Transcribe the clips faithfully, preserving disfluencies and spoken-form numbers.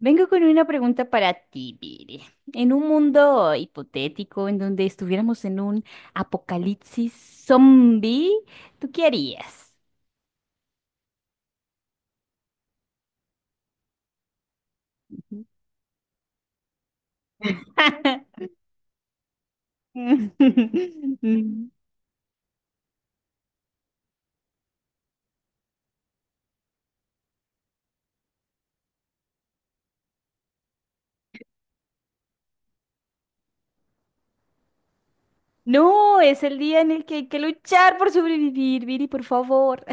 Vengo con una pregunta para ti, Viri. En un mundo hipotético en donde estuviéramos en un apocalipsis zombie, ¿tú qué harías? No, es el día en el que hay que luchar por sobrevivir, Viri, por favor.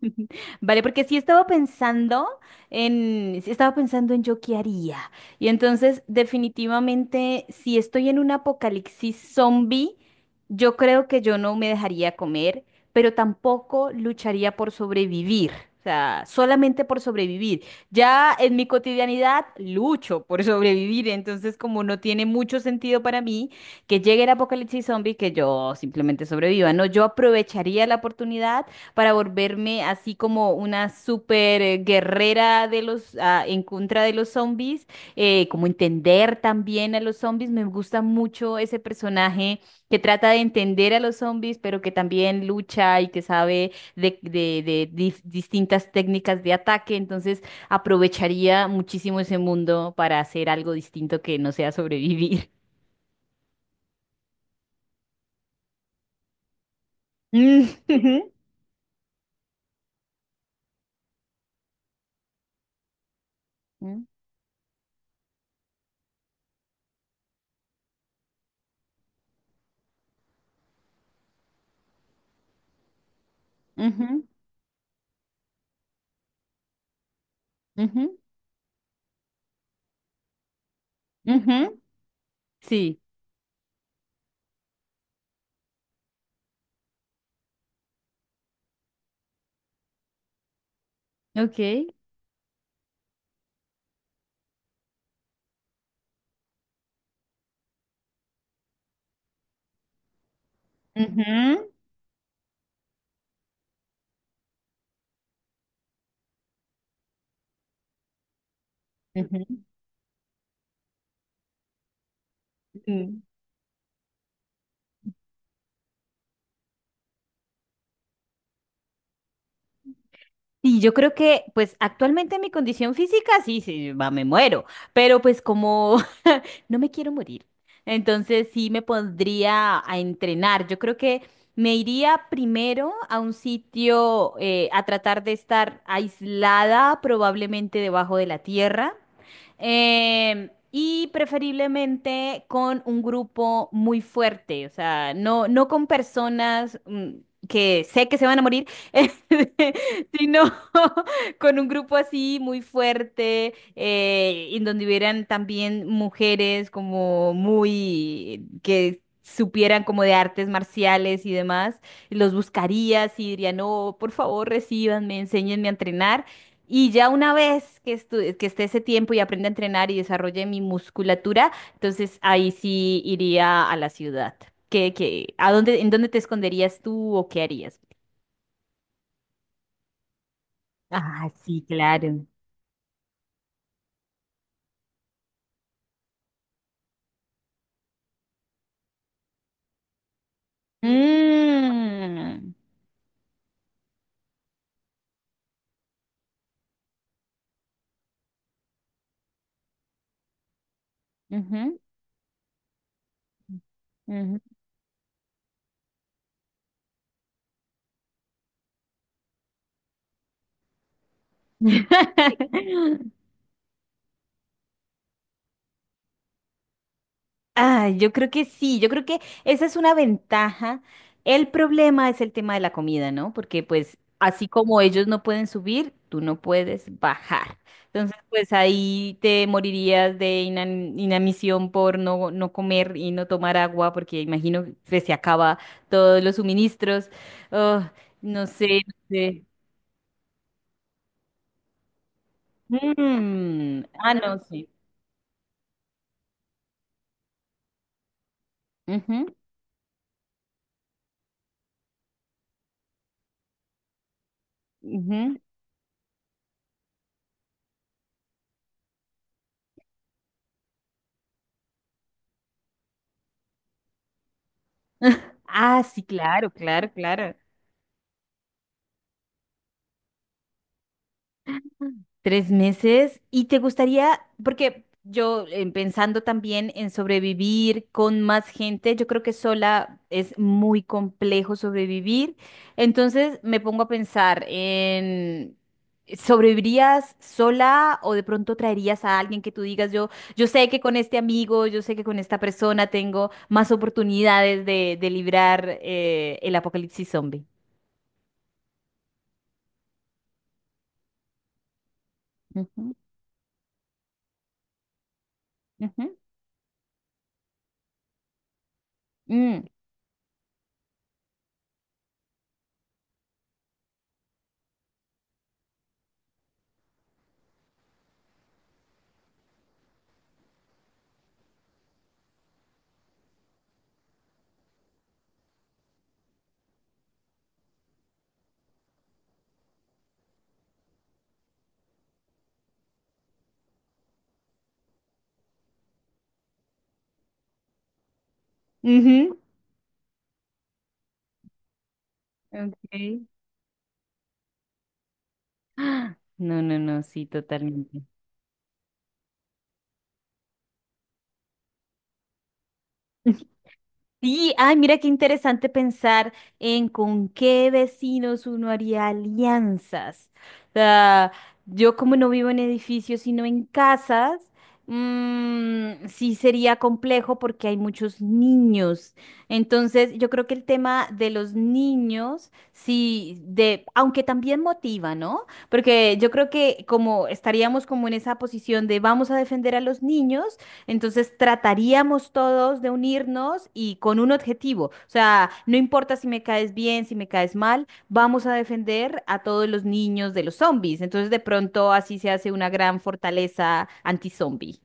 Vale, porque sí estaba pensando en, sí estaba pensando en yo qué haría. Y entonces, definitivamente, si estoy en un apocalipsis zombie, yo creo que yo no me dejaría comer, pero tampoco lucharía por sobrevivir. O sea, solamente por sobrevivir. Ya en mi cotidianidad lucho por sobrevivir, entonces como no tiene mucho sentido para mí que llegue el apocalipsis zombie, que yo simplemente sobreviva, no, yo aprovecharía la oportunidad para volverme así como una super eh, guerrera de los ah, en contra de los zombies, eh, como entender también a los zombies. Me gusta mucho ese personaje que trata de entender a los zombies, pero que también lucha y que sabe de, de- de dis- distintas técnicas de ataque. Entonces aprovecharía muchísimo ese mundo para hacer algo distinto que no sea sobrevivir. Mm, ujú, mm, ujú, ujú, ujú. Sí, ok. Ujú. Mm. Y yo creo que, pues actualmente mi condición física, sí, sí, va, me muero, pero pues como no me quiero morir. Entonces sí me pondría a entrenar. Yo creo que me iría primero a un sitio eh, a tratar de estar aislada, probablemente debajo de la tierra. Em, y preferiblemente con un grupo muy fuerte, o sea, no, no con personas mm, que sé que se van a morir, sino con un grupo así muy fuerte, eh, en donde hubieran también mujeres como muy que supieran como de artes marciales y demás, y los buscarías y dirían, no, por favor, recíbanme, enséñenme a entrenar. Y ya una vez que, estu- que esté ese tiempo y aprenda a entrenar y desarrolle mi musculatura, entonces ahí sí iría a la ciudad. ¿Qué, qué, A dónde, en dónde te esconderías tú o qué harías? Ah, sí, claro. Mm. Ujú, ujú. Ah, yo creo que sí, yo creo que esa es una ventaja. El problema es el tema de la comida, ¿no? Porque pues así como ellos no pueden subir, tú no puedes bajar. Entonces, pues ahí te morirías de inam- inanición por no, no comer y no tomar agua, porque imagino que se acaba todos los suministros. Oh, no sé, no sé. Mm, ah, no, sí. Ujú, ujú. Ah, sí, claro, claro, claro. Tres meses. ¿Y te gustaría, porque yo eh, pensando también en sobrevivir con más gente, yo creo que sola es muy complejo sobrevivir. Entonces me pongo a pensar en, ¿sobrevivirías sola o de pronto traerías a alguien que tú digas, yo, yo sé que con este amigo, yo sé que con esta persona tengo más oportunidades de, de librar eh, el apocalipsis zombie? Ujú, ujú. Mm, ujú. Ok. No, no, no, sí, totalmente. Sí, ay, mira qué interesante pensar en con qué vecinos uno haría alianzas. O sea, yo como no vivo en edificios, sino en casas, mm, sí sería complejo porque hay muchos niños. Entonces, yo creo que el tema de los niños, sí, de, aunque también motiva, ¿no? Porque yo creo que como estaríamos como en esa posición de vamos a defender a los niños. Entonces trataríamos todos de unirnos y con un objetivo. O sea, no importa si me caes bien, si me caes mal, vamos a defender a todos los niños de los zombies. Entonces de pronto así se hace una gran fortaleza anti-zombie.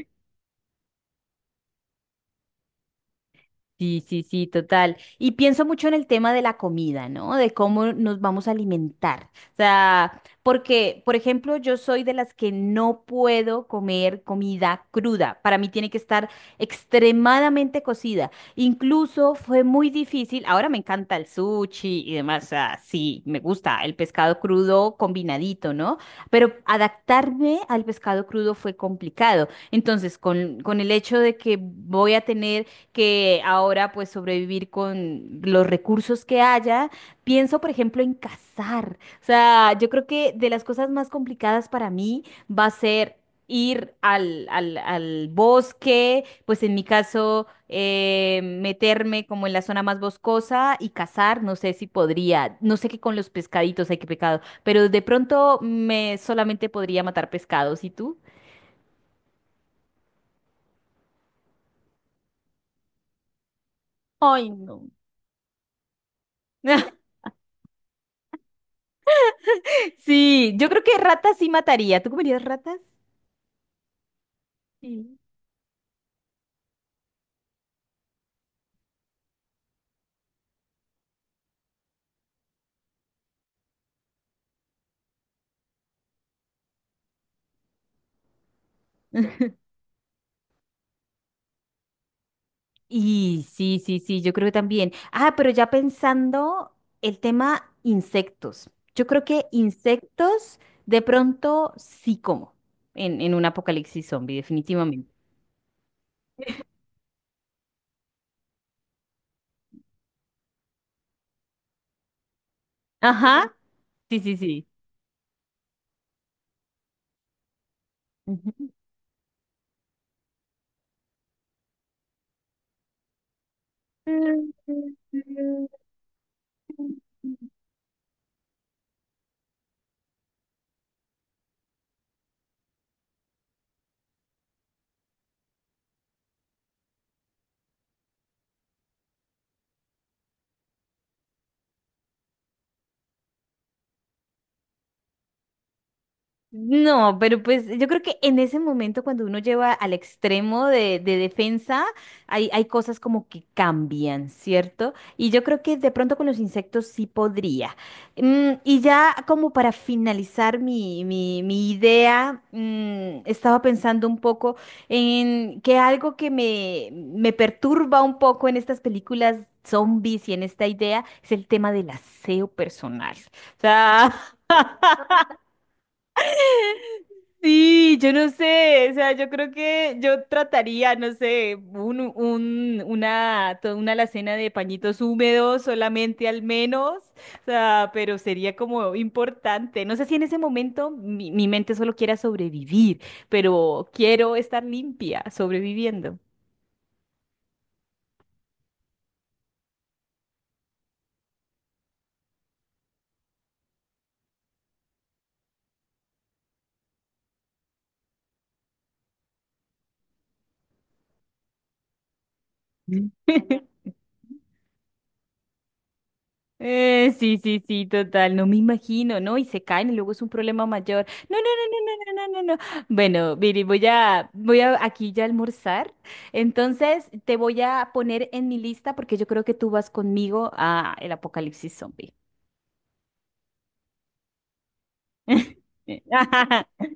Sí, sí, sí, total. Y pienso mucho en el tema de la comida, ¿no? De cómo nos vamos a alimentar. O sea, porque, por ejemplo, yo soy de las que no puedo comer comida cruda. Para mí tiene que estar extremadamente cocida. Incluso fue muy difícil. Ahora me encanta el sushi y demás. O sea, sí, me gusta el pescado crudo combinadito, ¿no? Pero adaptarme al pescado crudo fue complicado. Entonces, con, con el hecho de que voy a tener que ahora pues sobrevivir con los recursos que haya. Pienso, por ejemplo, en cazar. O sea, yo creo que de las cosas más complicadas para mí va a ser ir al, al, al bosque, pues en mi caso, eh, meterme como en la zona más boscosa y cazar, no sé si podría, no sé qué con los pescaditos hay que pecado, pero de pronto me solamente podría matar pescados, ¿y tú? Ay, no. Sí, yo creo que ratas sí mataría. ¿Tú comerías ratas? Sí. Y sí, sí, sí, yo creo que también. Ah, pero ya pensando el tema insectos. Yo creo que insectos de pronto sí como en, en un apocalipsis zombie, definitivamente. Ajá, sí, sí, sí. Ujú. No, pero pues yo creo que en ese momento cuando uno lleva al extremo de, de defensa, hay, hay cosas como que cambian, ¿cierto? Y yo creo que de pronto con los insectos sí podría. Mm, y ya como para finalizar mi, mi, mi idea, mm, estaba pensando un poco en que algo que me, me perturba un poco en estas películas zombies y en esta idea es el tema del aseo personal. O sea, sí, yo no sé, o sea, yo creo que yo trataría, no sé, un, un, una, toda una alacena de pañitos húmedos solamente al menos, o sea, pero sería como importante. No sé si en ese momento mi, mi mente solo quiera sobrevivir, pero quiero estar limpia, sobreviviendo. Eh, sí, sí, sí, total, no me imagino, ¿no? Y se caen y luego es un problema mayor. No, no, no, no, no, no, no, no, no. Bueno, Viri, voy a, voy a aquí ya almorzar. Entonces, te voy a poner en mi lista porque yo creo que tú vas conmigo a el apocalipsis zombie.